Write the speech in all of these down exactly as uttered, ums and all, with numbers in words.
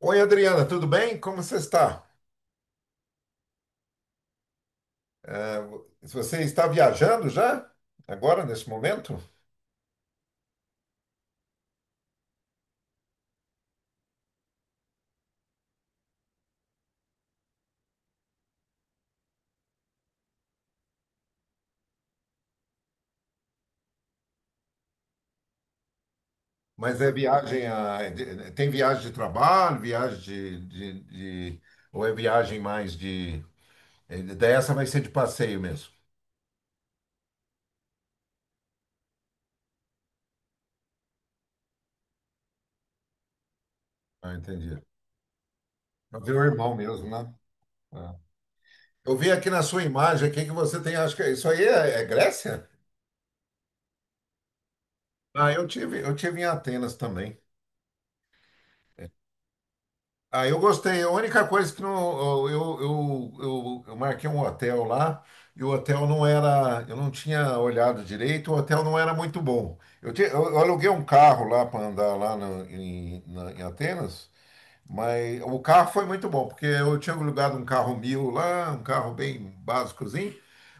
Oi, Adriana, tudo bem? Como você está? É, você está viajando já? Agora, nesse momento? Mas é viagem a- de- tem viagem de trabalho, viagem de, de- de- ou é viagem mais de é, dessa vai ser de passeio mesmo. Ah, entendi. Para ver o irmão mesmo, né? Ah. Eu vi aqui na sua imagem aqui que você tem, acho que isso aí é, é Grécia? Ah, eu tive, eu tive em Atenas também. Ah, eu gostei. A única coisa que não, eu, eu, eu, eu marquei um hotel lá e o hotel não era, eu não tinha olhado direito, o hotel não era muito bom. Eu, ti- eu- eu aluguei um carro lá para andar lá no- em, na- em Atenas, mas o carro foi muito bom, porque eu tinha alugado um carro mil lá, um carro bem básicozinho,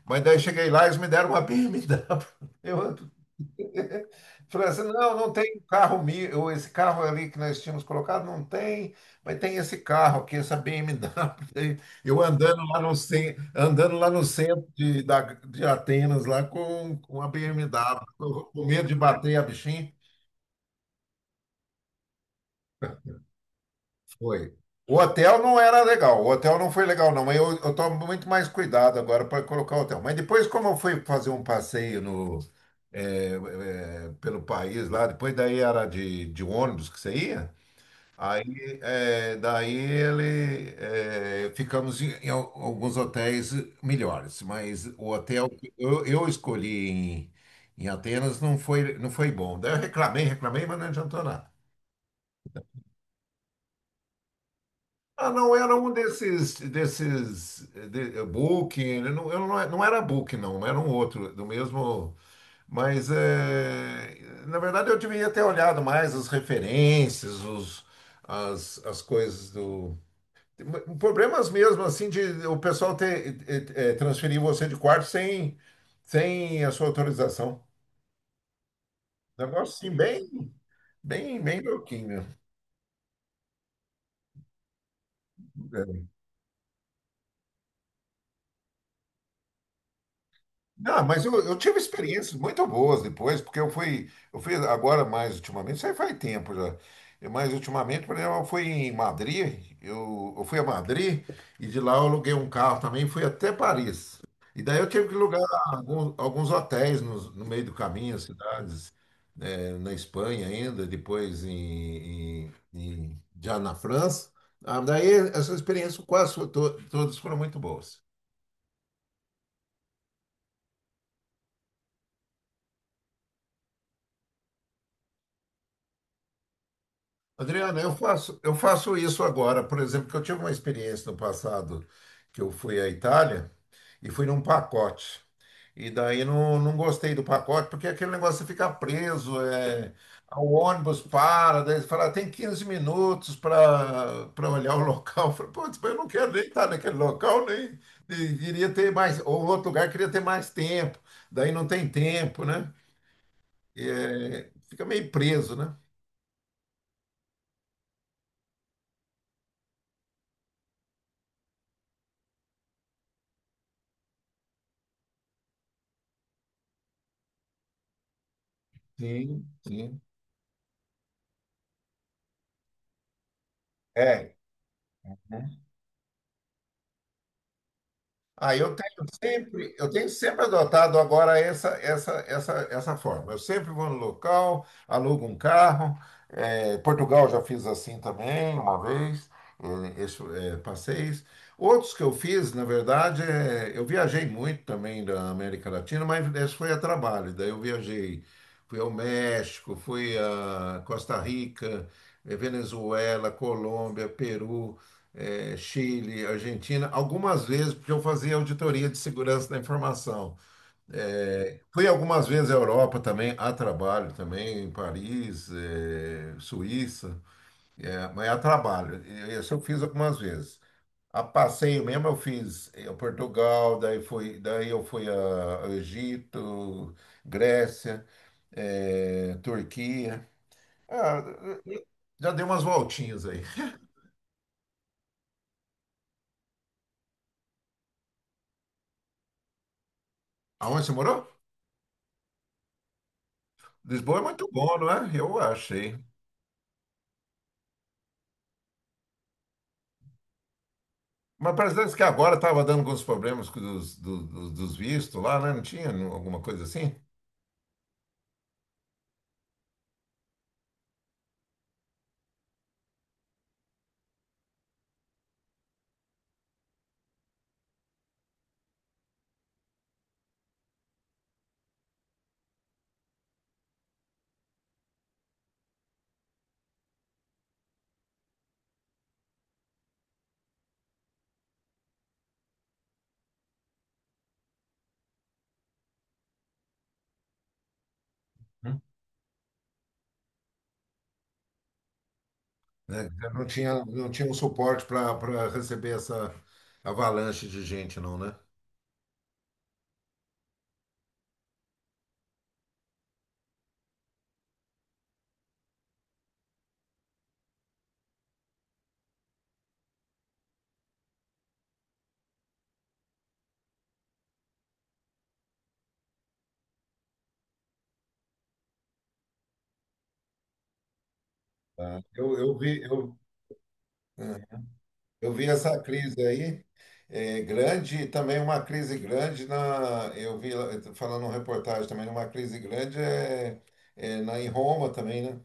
mas daí cheguei lá e eles me deram uma B M W. Falei assim, não, não tem carro meu, ou esse carro ali que nós tínhamos colocado, não tem, mas tem esse carro aqui, essa B M W. Eu andando lá no, ce- andando lá no centro de, da, de Atenas, lá com, com a B M W, com com medo de bater a bichinha. Foi. O hotel não era legal, o hotel não foi legal, não. mas Eu, eu tomo muito mais cuidado agora para colocar o hotel. Mas depois, como eu fui fazer um passeio no, eh, pelo país lá, depois daí era de, de ônibus que você ia. Aí, é, daí ele, é, ficamos em, em al- alguns hotéis melhores, mas o hotel que eu, eu escolhi em, em Atenas não foi, não foi bom. Daí eu reclamei, reclamei, mas não adiantou nada. Ah, não, era um desses, desses, eh, de, eh, Booking, eu não, eu não, não era Booking, não, era um outro, do mesmo, mas, eh, na verdade, eu devia ter olhado mais as referências, os, as, as coisas do... Problemas mesmo, assim, de o pessoal ter, eh, eh, eh, transferir você de quarto sem, sem a sua autorização. Negócio, assim, bem, bem, bem louquinho. É. Não, mas eu, eu tive experiências muito boas depois, porque eu fui, eu fui agora mais ultimamente, isso aí faz tempo já. Eu, Mas ultimamente, por exemplo, eu fui em Madrid, eu, eu fui a Madrid e de lá eu aluguei um carro também, e fui até Paris. E daí eu tive que alugar alguns, alguns hotéis no, no meio do caminho, as cidades, né, na Espanha ainda, depois em, em- em- já na França. Ah, daí essas experiências quase to- todas foram muito boas. Adriana, eu faço, eu faço isso agora, por exemplo, que eu tive uma experiência no passado que eu fui à Itália e fui num pacote. E daí não, não gostei do pacote, porque é aquele negócio de ficar preso, é, o ônibus para, daí eles falam, "Ah, tem quinze minutos para para olhar o local." Eu falei, putz, mas eu não quero nem estar naquele local, nem, nem queria ter mais, ou outro lugar queria ter mais tempo, daí não tem tempo, né? E, é, fica meio preso, né? Sim, sim. É. Né? aí eu tenho sempre, eu tenho sempre adotado agora essa, essa, essa, essa forma. Eu sempre vou no local, alugo um carro. eh, Portugal já fiz assim também uma vez, eh, esse, eh, passeios. Outros que eu fiz, na verdade, eh, eu viajei muito também da América Latina, mas esse foi a trabalho. Daí eu viajei, fui ao México, fui a Costa Rica, eh, Venezuela, Colômbia, Peru, eh, Chile, Argentina, algumas vezes, porque eu fazia auditoria de segurança da informação. Fui algumas vezes à Europa também, a trabalho também, em Paris, eh, Suíça, eh, mas a trabalho. E Isso eu fiz algumas vezes. A passeio mesmo eu fiz, eh, Portugal, daí fui, daí eu fui a- ao Egito, Grécia, eh, Turquia. Ah, já dei umas voltinhas aí. Aonde você morou? Lisboa é muito bom, não é? Eu achei. Mas parece que agora estava dando alguns problemas com dos, do- do- dos vistos lá, né? Não tinha não- alguma coisa assim? Hum? Né? Não tinha, não tinha um suporte para receber essa avalanche de gente, não, né? Tá. Eu, eu vi, eu, é, eu vi essa crise aí, é, grande, e também uma crise grande na. Eu vi lá, eu tô falando uma reportagem também, uma crise grande é, é na, em Roma também, né?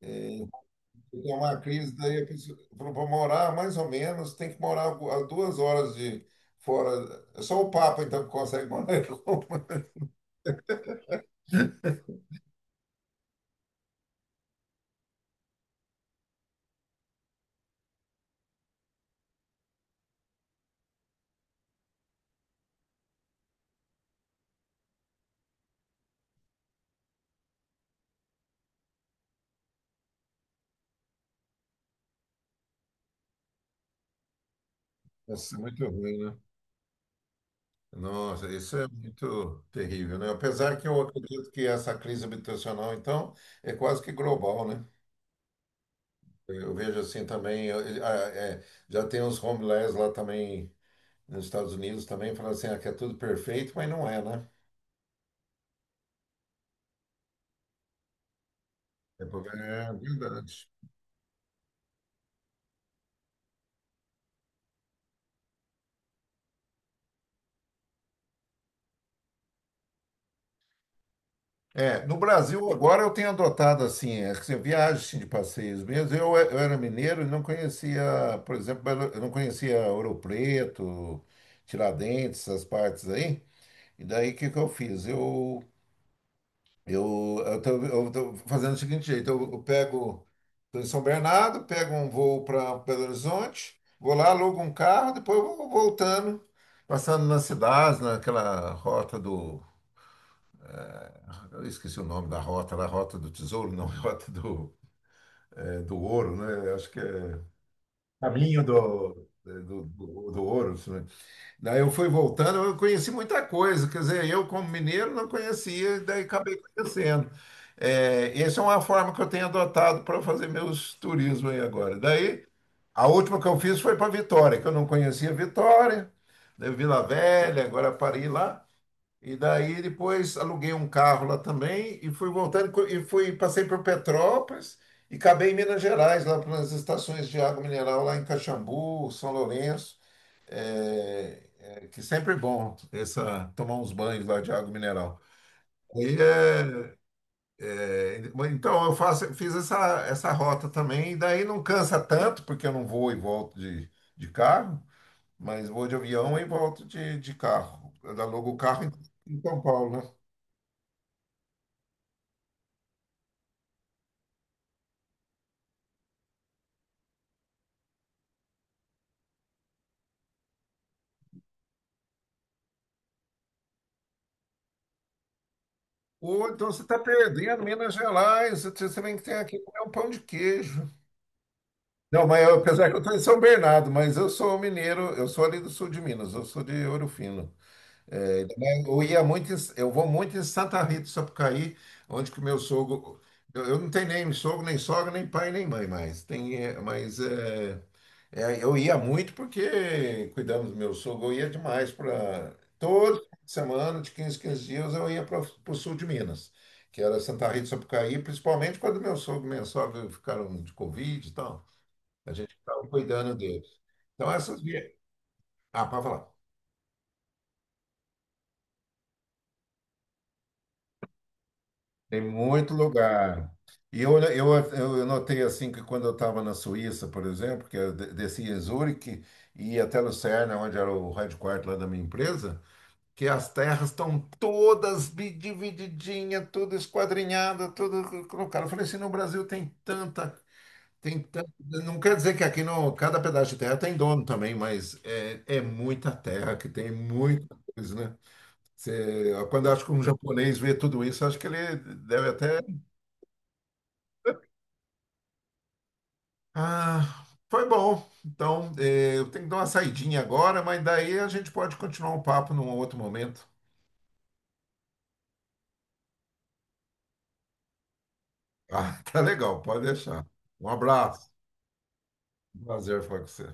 É, tem uma crise daí, a pessoa falou, para morar mais ou menos, tem que morar algu- a duas horas de fora. É só o Papa, então, que consegue morar em Roma. Nossa, é muito ruim, né? Nossa, isso é muito terrível, né? Apesar que eu acredito que essa crise habitacional, então, é quase que global, né? Eu vejo assim também, eu- eu- ah, é, já tem uns homeless lá também, nos Estados Unidos também, falando assim, ah, que é tudo perfeito, mas não é, né? É porque- é verdade. É, no Brasil agora eu tenho adotado assim, é, que você viaja assim, de passeios mesmo. Eu, eu era mineiro e não conhecia, por exemplo, Belo- eu não conhecia Ouro Preto, Tiradentes, essas partes aí. E daí o que que eu fiz? Eu eu eu tô, eu tô fazendo o seguinte jeito, eu, eu pego tô em São Bernardo, pego um voo para Belo Horizonte, vou lá, alugo um carro, depois eu vou voltando, passando nas cidades, naquela rota. Eu esqueci o nome da rota, da rota do tesouro, não, rota do, é, do ouro, né? Acho que é caminho do, é, do, do, do ouro. Né? Daí eu fui voltando, eu conheci muita coisa, quer dizer, eu como mineiro não conhecia, daí acabei conhecendo. É, essa é uma forma que eu tenho adotado para fazer meus turismos aí agora. Daí, a última que eu fiz foi para Vitória, que eu não conhecia Vitória, daí Vila Velha, agora parei lá. E daí depois aluguei um carro lá também e fui voltando, co- e fui passei por Petrópolis e acabei em Minas Gerais, lá pelas estações de água mineral lá em Caxambu, São Lourenço, é é que sempre é bom essa tomar uns banhos lá de água mineral. E, é, é, então eu faço, fiz essa, essa rota também e daí não cansa tanto porque eu não vou e volto de, de carro, mas vou de avião e volto de, de carro. Eu alugo o carro em em São Paulo, né? Ou então você está perdendo Minas Gerais, você você vem que tem aqui comer um pão de queijo. Não, mas eu- apesar que eu estou em São Bernardo, mas eu sou mineiro, eu sou ali do sul de Minas, eu sou de Ouro Fino, né? Eu ia muito, em- eu vou muito em Santa Rita do Sapucaí, onde que o meu sogro, eu, eu não tenho nem sogro, nem sogra, nem pai, nem mãe mais. Tem, eh, mas eh, eh, eu ia muito porque cuidamos do meu sogro, eu ia demais para todo fim de semana, de quinze, quinze dias, eu ia para o sul de Minas, que era Santa Rita do Sapucaí, principalmente quando meu sogro e minha sogra ficaram de Covid e tal. A gente estava cuidando deles. Então essas vias. Ah, para falar. Tem muito lugar. E eu, olha- eu, eu notei assim que quando eu estava na Suíça, por exemplo, que eu de- descia em Zurique e ia até Lucerna, onde era o headquarter lá da minha empresa, que as terras estão todas bi- divididinha, tudo esquadrinhada, tudo colocado. Eu falei assim, no Brasil tem tanta, tem tanta. Não quer dizer que aqui no cada pedaço de terra tem dono também, mas é, é muita terra que tem muita coisa, né? Cê- quando eu acho que um japonês vê tudo isso, acho que ele deve até. Ah, foi bom. Então, eh, eu tenho que dar uma saidinha agora, mas daí a gente pode continuar o papo num outro momento. Ah, tá legal, pode deixar. Um abraço. Prazer falar com você.